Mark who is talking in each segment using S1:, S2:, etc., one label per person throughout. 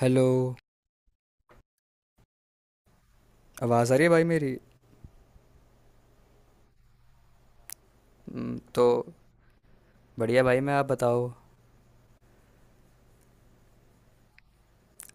S1: Hello. आवाज़ आ रही है भाई मेरी? तो बढ़िया भाई, मैं आप बताओ।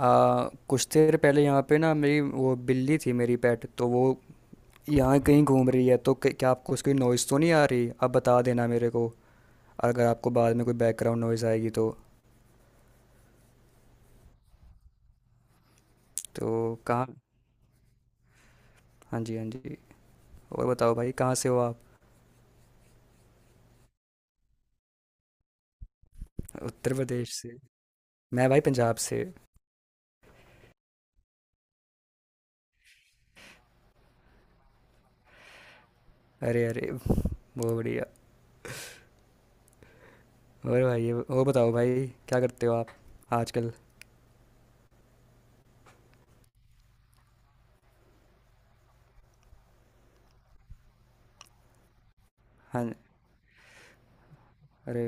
S1: कुछ देर पहले यहाँ पे ना मेरी वो बिल्ली थी, मेरी पेट, तो वो यहाँ कहीं घूम रही है, तो क्या आपको उसकी नॉइज़ तो नहीं आ रही? आप बता देना मेरे को अगर आपको बाद में कोई बैकग्राउंड नॉइज़ आएगी तो। तो कहाँ? हाँ जी, हाँ जी। और बताओ भाई, कहाँ से हो आप? उत्तर प्रदेश से। मैं भाई पंजाब से। अरे अरे, बहुत बढ़िया। और भाई, और बताओ भाई, क्या करते हो आप आजकल? हाँ। अरे,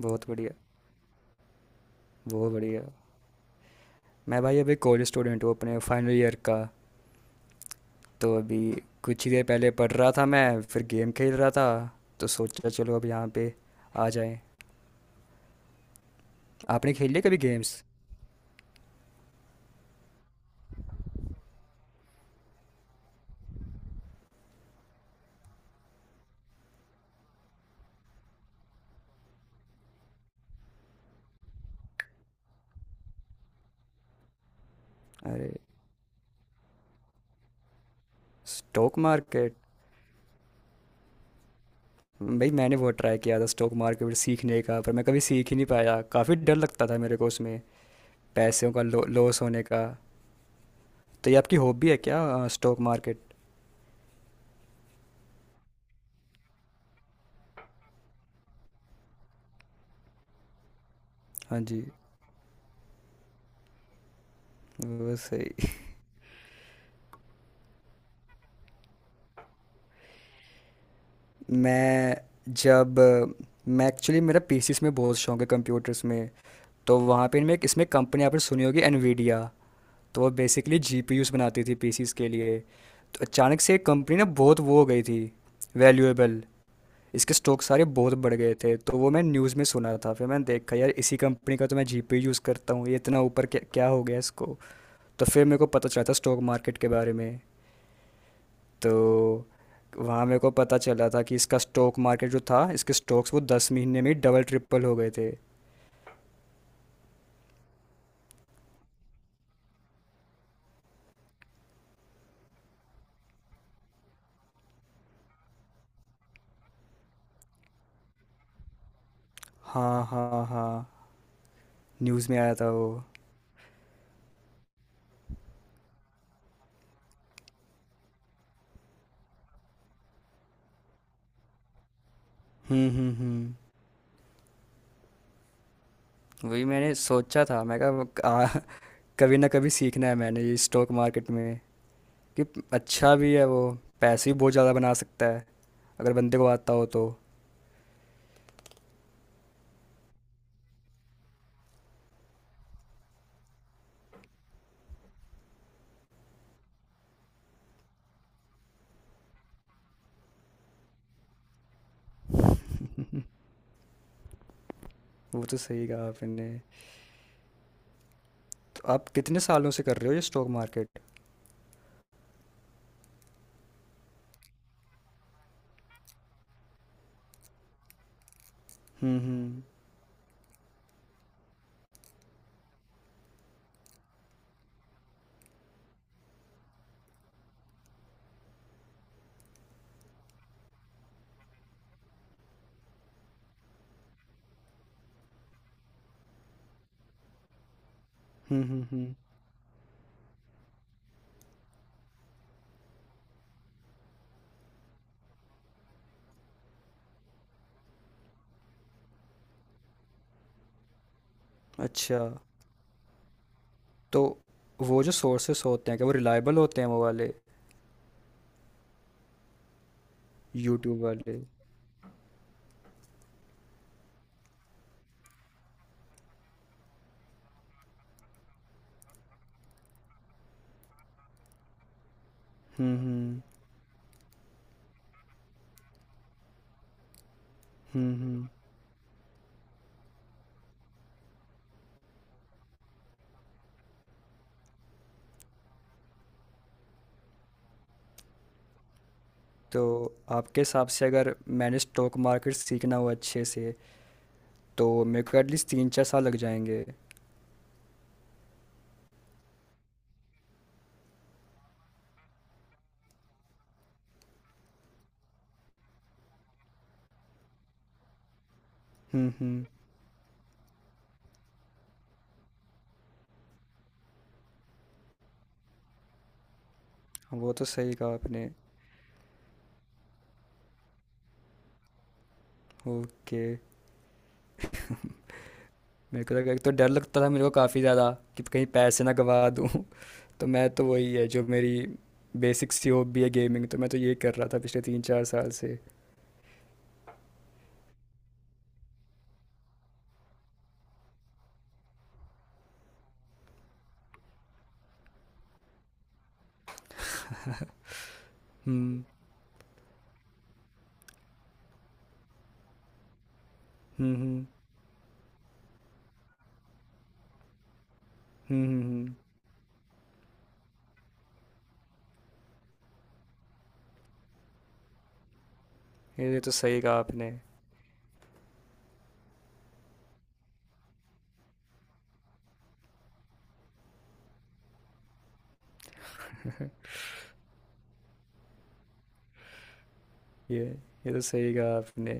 S1: बहुत बढ़िया। बहुत बढ़िया। मैं भाई अभी कॉलेज स्टूडेंट हूँ अपने फाइनल ईयर का। तो अभी कुछ ही देर पहले पढ़ रहा था, मैं फिर गेम खेल रहा था, तो सोचा चलो अब यहाँ पे आ जाएं। आपने खेल लिया कभी गेम्स? अरे, स्टॉक मार्केट। भाई मैंने बहुत ट्राई किया था स्टॉक मार्केट सीखने का, पर मैं कभी सीख ही नहीं पाया। काफ़ी डर लगता था मेरे को उसमें पैसों का, लॉस होने का। तो ये आपकी हॉबी है क्या, स्टॉक मार्केट? हाँ जी। वो सही। मैं जब मैं एक्चुअली, मेरा पीसीस में बहुत शौक है, कंप्यूटर्स में। तो वहाँ पे मैं इसमें, कंपनी आपने सुनी होगी एनवीडिया, तो वो बेसिकली जीपीयूस बनाती थी पीसीस के लिए। तो अचानक से एक कंपनी ना बहुत वो हो गई थी वैल्यूएबल। इसके स्टॉक सारे बहुत बढ़ गए थे, तो वो मैं न्यूज़ में सुना था। फिर मैंने देखा यार, इसी कंपनी का तो मैं जीपीयू यूज़ करता हूँ, ये इतना ऊपर क्या क्या हो गया इसको? तो फिर मेरे को पता चला था स्टॉक मार्केट के बारे में। तो वहाँ मेरे को पता चला था कि इसका स्टॉक मार्केट जो था, इसके स्टॉक्स वो 10 महीने में ही डबल ट्रिपल हो गए थे। हाँ हाँ हाँ, न्यूज़ में आया था वो। हम्म, वही मैंने सोचा था। मैं कहा, कभी ना कभी सीखना है मैंने ये स्टॉक मार्केट में। कि अच्छा भी है वो, पैसे भी बहुत ज़्यादा बना सकता है अगर बंदे को आता हो तो। वो तो सही कहा आपने। तो आप कितने सालों से कर रहे हो ये स्टॉक मार्केट? हम्म हम्म हम्म। हम्म। अच्छा। तो वो जो सोर्सेस होते हैं, क्या वो रिलायबल होते हैं, वो वाले यूट्यूब वाले? हम्म। हम्म हम्म। तो आपके हिसाब से अगर मैंने स्टॉक मार्केट सीखना हो अच्छे से, तो मेरे को एटलीस्ट 3-4 साल लग जाएंगे? हम्म। वो तो सही कहा आपने। ओके। मेरे को लगा, एक तो डर लगता था मेरे को काफ़ी ज़्यादा, कि कहीं पैसे ना गवा दूँ तो मैं तो, वही है जो मेरी बेसिक सी हॉबी है गेमिंग, तो मैं तो ये कर रहा था पिछले 3-4 साल से। हम्म हम्म हम्म हम्म हम्म, ये तो सही कहा आपने। ये ये तो सही कहा आपने।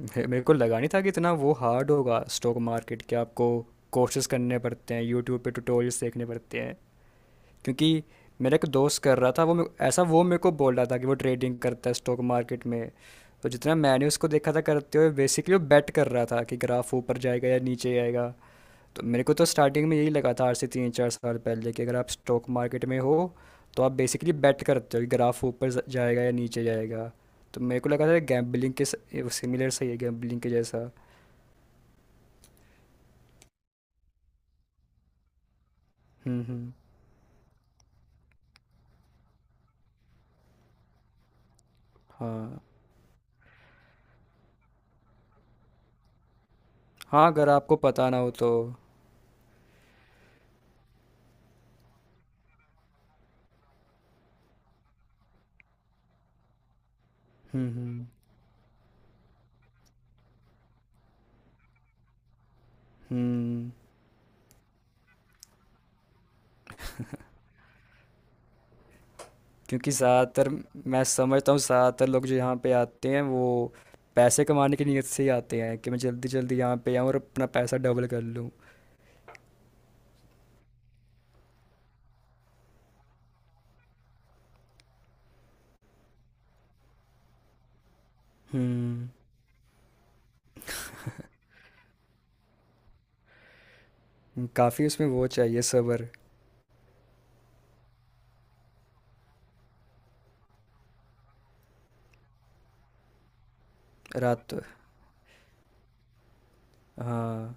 S1: मेरे को लगा नहीं था कि इतना वो हार्ड होगा स्टॉक मार्केट के, आपको कोर्सेज करने पड़ते हैं, यूट्यूब पे ट्यूटोरियल्स देखने पड़ते हैं। क्योंकि मेरा एक दोस्त कर रहा था वो, ऐसा वो मेरे को बोल रहा था कि वो ट्रेडिंग करता है स्टॉक मार्केट में। तो जितना मैंने उसको देखा था करते हुए, बेसिकली वो बेट कर रहा था कि ग्राफ ऊपर जाएगा या नीचे आएगा। तो मेरे को तो स्टार्टिंग में यही लगा था, आज से 3-4 साल पहले, कि अगर आप स्टॉक मार्केट में हो तो आप बेसिकली बेट करते हो कि ग्राफ ऊपर जाएगा या नीचे जाएगा। तो मेरे को लगा था गैम्बलिंग के सिमिलर, सही है, गैम्बलिंग के जैसा। हम्म। हाँ, हाँ अगर आपको पता ना हो तो। हम्म हम्म हम्म, क्योंकि ज़्यादातर, मैं समझता हूँ ज़्यादातर लोग जो यहाँ पे आते हैं वो पैसे कमाने की नीयत से ही आते हैं कि मैं जल्दी जल्दी यहाँ पे आऊँ और अपना पैसा डबल कर लूँ। हम्म, काफ़ी उसमें वो चाहिए सब्र। रात। हाँ।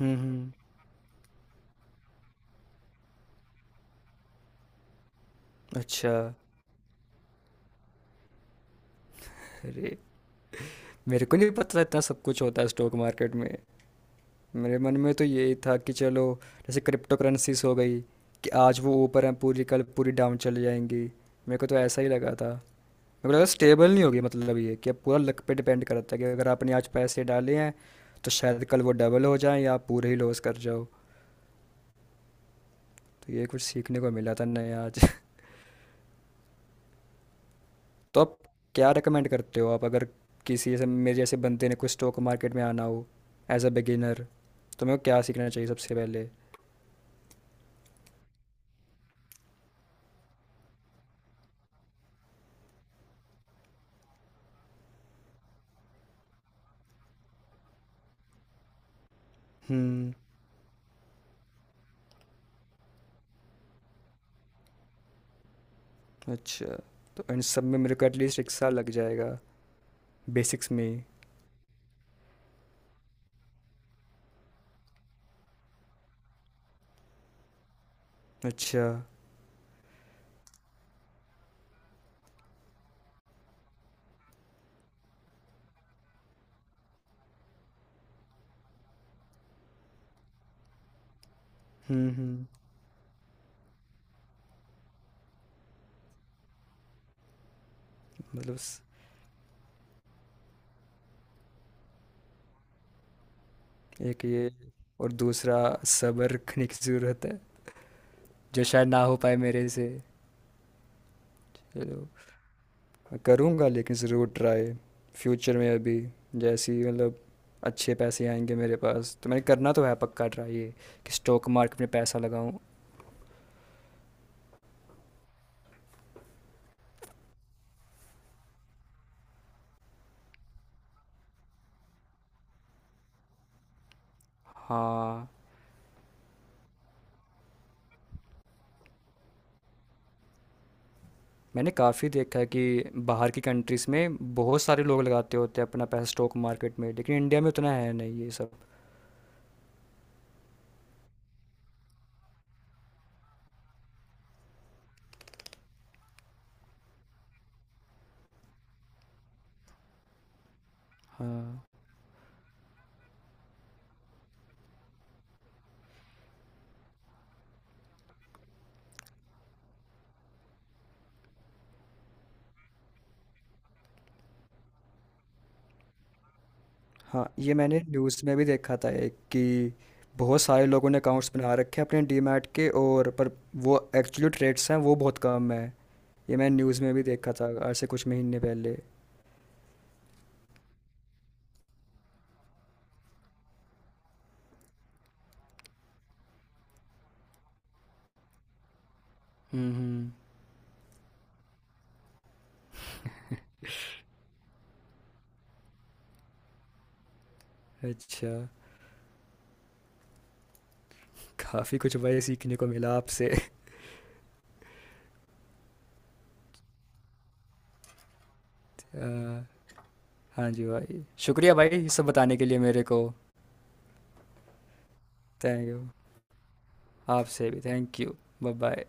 S1: हुँ, हुँ। अच्छा, अरे! मेरे को नहीं पता था इतना सब कुछ होता है स्टॉक मार्केट में। मेरे मन में तो यही था कि चलो, जैसे क्रिप्टोकरेंसीज़ हो गई कि आज वो ऊपर हैं पूरी, कल पूरी डाउन चली जाएँगी। मेरे को तो ऐसा ही लगा था। मेरे को लगा स्टेबल नहीं होगी, मतलब ये कि अब पूरा लक पे डिपेंड करता है कि अगर आपने आज पैसे डाले हैं तो शायद कल वो डबल हो जाएँ या आप पूरे ही लॉस कर जाओ। तो ये कुछ सीखने को मिला था नया आज। तो आप क्या रेकमेंड करते हो आप, अगर किसी ऐसे मेरे जैसे बंदे ने कुछ स्टॉक मार्केट में आना हो, एज अ बिगिनर, तो मेरे को क्या सीखना चाहिए सबसे पहले? हम्म। अच्छा। तो इन सब में मेरे को एटलीस्ट एक साल लग जाएगा बेसिक्स में? अच्छा। हम्म। मतलब एक ये, और दूसरा सब्र रखने की ज़रूरत है, जो शायद ना हो पाए मेरे से। चलो, करूँगा लेकिन ज़रूर ट्राई फ्यूचर में। अभी जैसे ही मतलब अच्छे पैसे आएंगे मेरे पास, तो मैंने करना तो है पक्का ट्राई ये, कि स्टॉक मार्केट में पैसा लगाऊँ। हाँ। मैंने काफ़ी देखा है कि बाहर की कंट्रीज़ में बहुत सारे लोग लगाते होते हैं अपना पैसा स्टॉक मार्केट में, लेकिन इंडिया में उतना है नहीं ये सब। हाँ हाँ, ये मैंने न्यूज़ में भी देखा था एक, कि बहुत सारे लोगों ने अकाउंट्स बना रखे हैं अपने डीमैट के, और पर वो एक्चुअली ट्रेड्स हैं वो बहुत कम है। ये मैंने न्यूज़ में भी देखा था आज से कुछ महीने पहले। हम्म हम्म, अच्छा। काफ़ी कुछ भाई सीखने को मिला आपसे अ, हाँ जी भाई, शुक्रिया भाई ये सब बताने के लिए मेरे को। Thank you. आपसे भी थैंक यू। Bye bye.